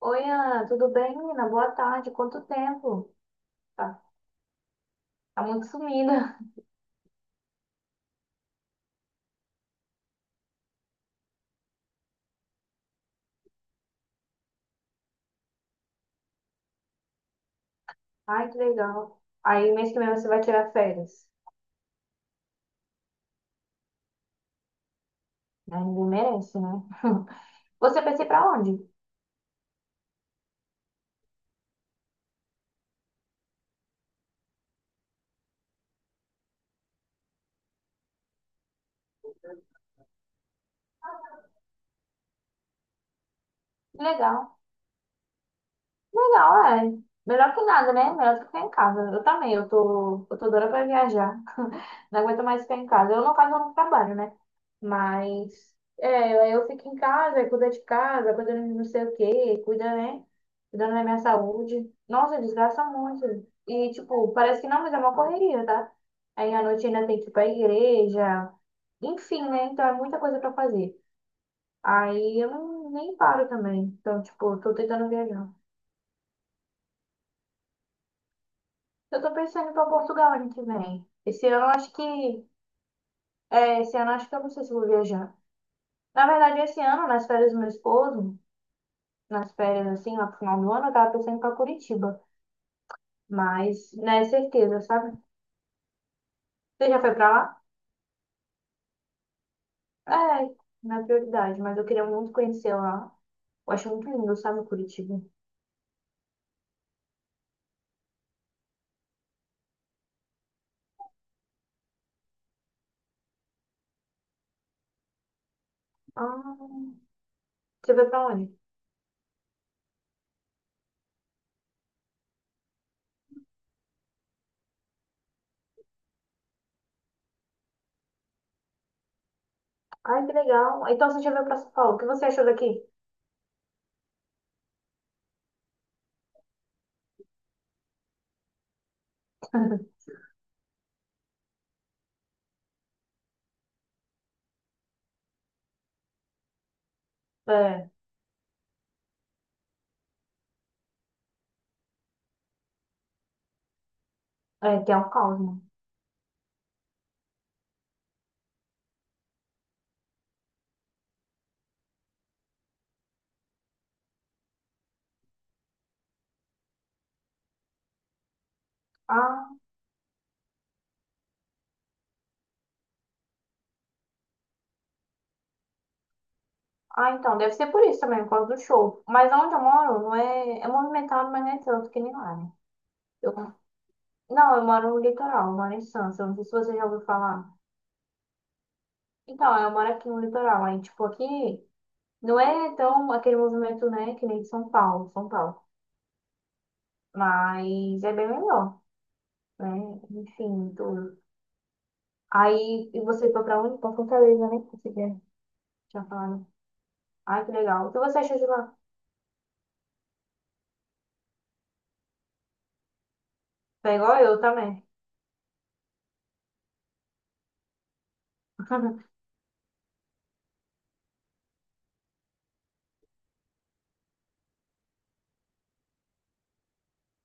Oi, Ana, tudo bem, menina? Boa tarde. Quanto tempo? Tá, tá muito sumida. Ai, que legal. Aí, mês que vem você vai tirar férias. Né? Ninguém merece, né? Você pensa em ir pra onde? Legal. Legal, é. Melhor que nada, né? Melhor do que ficar em casa. Eu também, eu tô doida pra viajar. Não aguento mais ficar em casa. Eu, no caso, eu não trabalho, né? Mas é, aí eu fico em casa, aí cuido de casa, cuido de não sei o quê, cuida, né? Cuidando da minha saúde. Nossa, desgraça muito. E, tipo, parece que não, mas é uma correria, tá? Aí à noite ainda tem que ir pra igreja. Enfim, né? Então é muita coisa pra fazer. Aí eu não, nem paro também. Então, tipo, eu tô tentando viajar. Eu tô pensando em ir pra Portugal ano que vem. Esse ano eu acho que. É, esse ano eu acho que eu não sei se eu vou viajar. Na verdade, esse ano, nas férias do meu esposo, nas férias assim, lá pro final do ano, eu tava pensando em ir pra Curitiba. Mas não é certeza, sabe? Você já foi pra lá? É, não é prioridade, mas eu queria muito conhecer lá. Eu acho muito lindo, sabe, Curitiba. Ah, você foi pra onde? Ai, que legal. Então você já veio pra São Paulo. O que você achou daqui? É, é, que é um caos, né? Ah, ah, então, deve ser por isso também, por causa do show. Mas onde eu moro, não é, é movimentado, mas não é tanto que nem lá, né? Eu Não, eu moro no litoral, eu moro em Santos. Eu não sei se você já ouviu falar. Então, eu moro aqui no litoral. Aí, tipo, aqui não é tão aquele movimento, né, que nem de São Paulo, São Paulo. Mas é bem melhor, né? Enfim, tudo. Aí, e você foi pra onde? Pra Fortaleza, né? Você já tinha falado. Ai, que legal. O que você achou de lá? Foi igual eu também.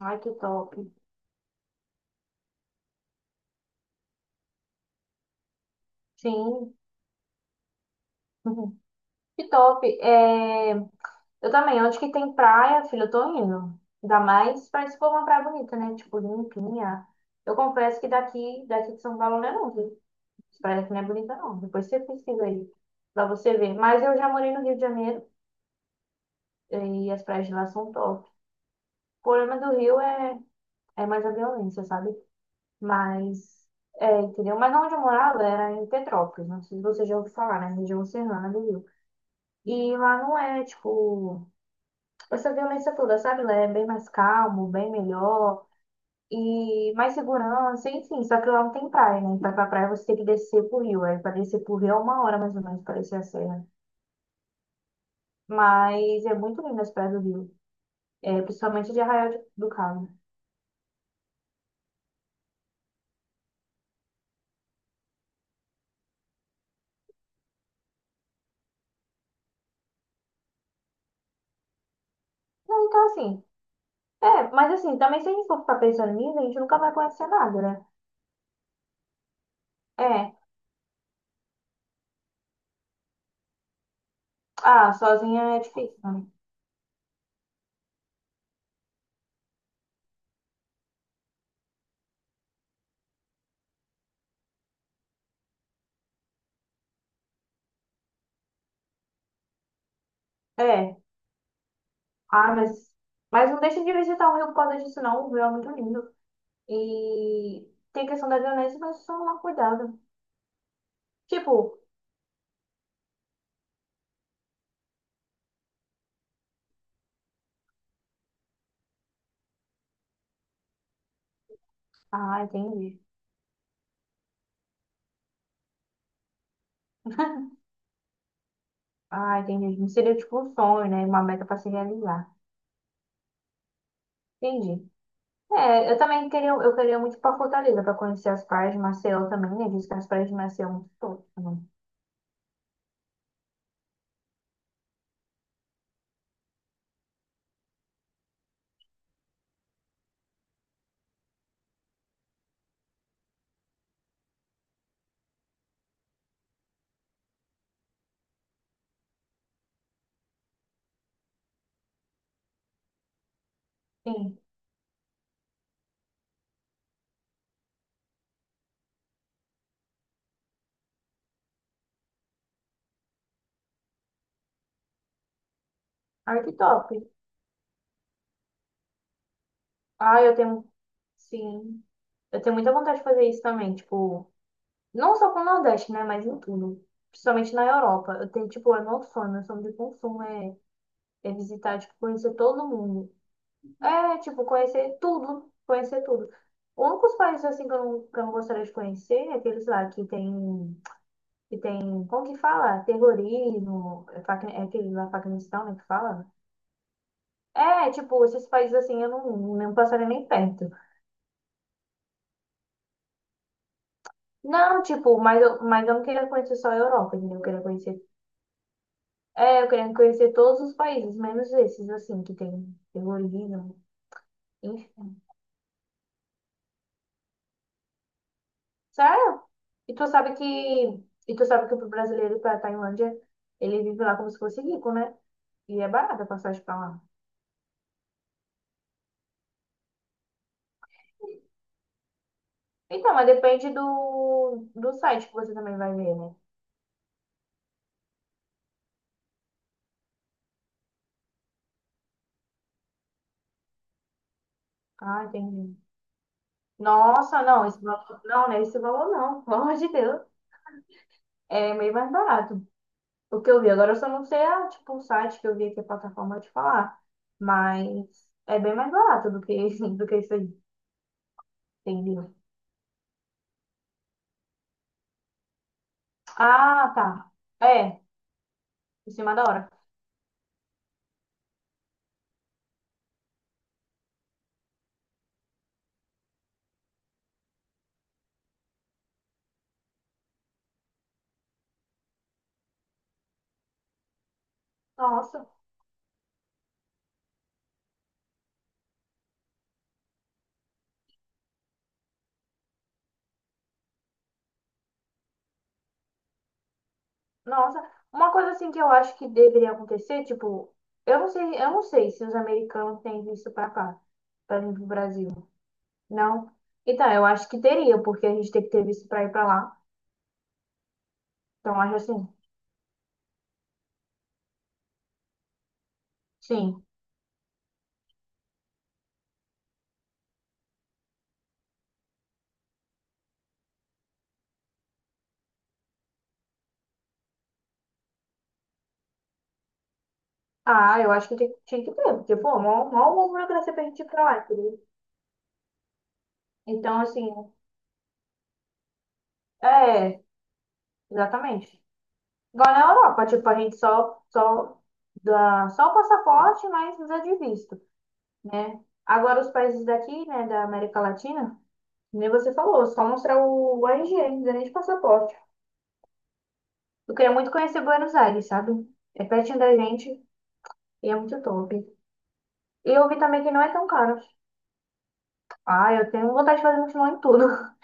Ai, que top. Sim. Que top. É... Eu também, onde que tem praia, filho, eu tô indo. Ainda mais pra se for uma praia bonita, né? Tipo, limpinha. Eu confesso que daqui de São Paulo não é não, viu? As praias aqui não é bonita não. Depois você pesquisa aí, pra você ver. Mas eu já morei no Rio de Janeiro e as praias de lá são top. O problema do Rio é, é mais a violência, sabe? Mas, é, entendeu? Mas onde eu morava era em Petrópolis, não sei se você já ouviu falar, né? Região Serrana do Rio. E lá não é, tipo... essa violência toda, sabe? Lá é bem mais calmo, bem melhor e mais segurança, enfim. Só que lá não tem praia, né? Pra ir pra praia você tem que descer pro rio. Aí pra descer pro rio é uma hora mais ou menos pra descer a serra. Mas é muito lindo as praias do rio, é, principalmente de Arraial de- do Cabo. Não, então assim, é, mas assim, também se a gente for ficar pensando nisso, a gente nunca vai conhecer nada, né? É, ah, sozinha é difícil, né? É, ah, mas não deixa de visitar o rio por causa disso, não. O rio é muito lindo. E tem a questão da violência, mas só tomar cuidado. Tipo, ah, entendi. Ah, entendi. Não seria tipo um sonho, né? Uma meta pra se realizar. Entendi. É, eu também queria, eu queria muito ir pra Fortaleza pra conhecer as praias de Maceió também, né? Diz que as praias de Maceió são muito top, né? Sim. Ai, que top. Ah, eu tenho, sim. Eu tenho muita vontade de fazer isso também, tipo, não só com o Nordeste, né? Mas em tudo. Principalmente na Europa. Eu tenho, tipo, é meu sonho de consumo é, é visitar, tipo, conhecer todo mundo. É, tipo, conhecer tudo, conhecer tudo. O único dos países assim que eu não gostaria de conhecer é aqueles lá que tem, como que fala? Terrorismo, é, Paqui- é aquele lá Paquistão, né, que fala? É, tipo, esses países assim eu não, não passaria nem perto. Não, tipo, mas eu não queria conhecer só a Europa, entendeu? Eu queria conhecer, é, eu queria conhecer todos os países, menos esses assim que tem terrorismo, Sério? E tu sabe que, e tu sabe que pro brasileiro para Tailândia, ele vive lá como se fosse rico, né? E é barata a passagem pra lá. Então, mas depende do, do site que você também vai ver, né? Ah, entendi. Nossa, não, esse valor não, né? Esse valor não, pelo amor de Deus. É meio mais barato. O que eu vi. Agora eu só não sei a, tipo, o site que eu vi aqui, a plataforma de falar. Mas é bem mais barato do que, do que isso aí. Entendeu? Ah, tá. É, em cima da hora. Nossa. Nossa, uma coisa assim que eu acho que deveria acontecer, tipo, eu não sei se os americanos têm visto pra cá, pra vir pro Brasil. Não? Então, eu acho que teria, porque a gente tem que ter visto pra ir pra lá. Então, eu acho assim, sim. Ah, eu acho que tem- tinha que ter, porque, pô, mó, mó uma burocracia pra gente ir pra lá, entendeu? Então, assim, é, exatamente. Igual na Europa, tipo, a gente só, só dá só o passaporte, mas precisa de visto, né? Agora, os países daqui, né, da América Latina, Nem você falou, só mostrar o RG, não precisa nem de passaporte. Eu queria muito conhecer Buenos Aires, sabe? É pertinho da gente e é muito top. E eu vi também que não é tão caro. Ah, eu tenho vontade de fazer mochilão em tudo.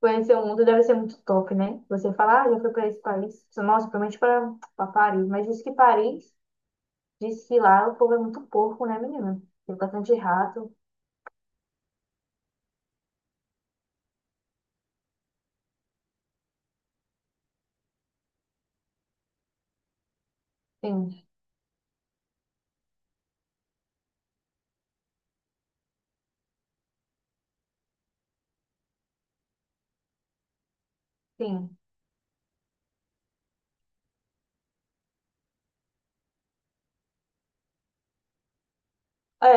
Conhecer o mundo deve ser muito top, né? Você fala, ah, já fui pra esse país. Nossa, provavelmente pra, pra Paris. Mas diz que Paris, diz que lá o povo é muito porco, né, menina? Tem bastante rato. Tem, tem.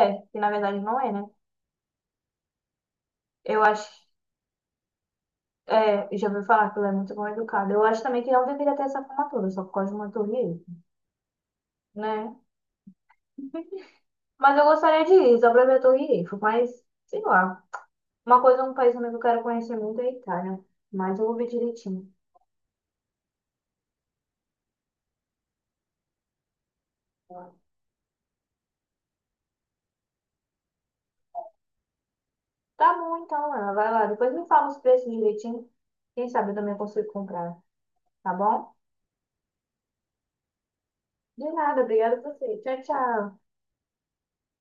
É, que na verdade não é, né? Eu acho. É, já ouvi falar que ela é muito mal educada. Eu acho também que não deveria ter essa formatura, só por causa de uma torre Eiffel, né? Mas eu gostaria de ir, só pra ver a torre Eiffel, mas, sei lá. Uma coisa, um país também que eu quero conhecer muito é a Itália, mas eu vou ver direitinho. Tá bom, então, Ana, vai lá. Depois me fala os preços direitinho. Quem sabe eu também consigo comprar, tá bom? De nada, obrigada a você. Tchau, tchau.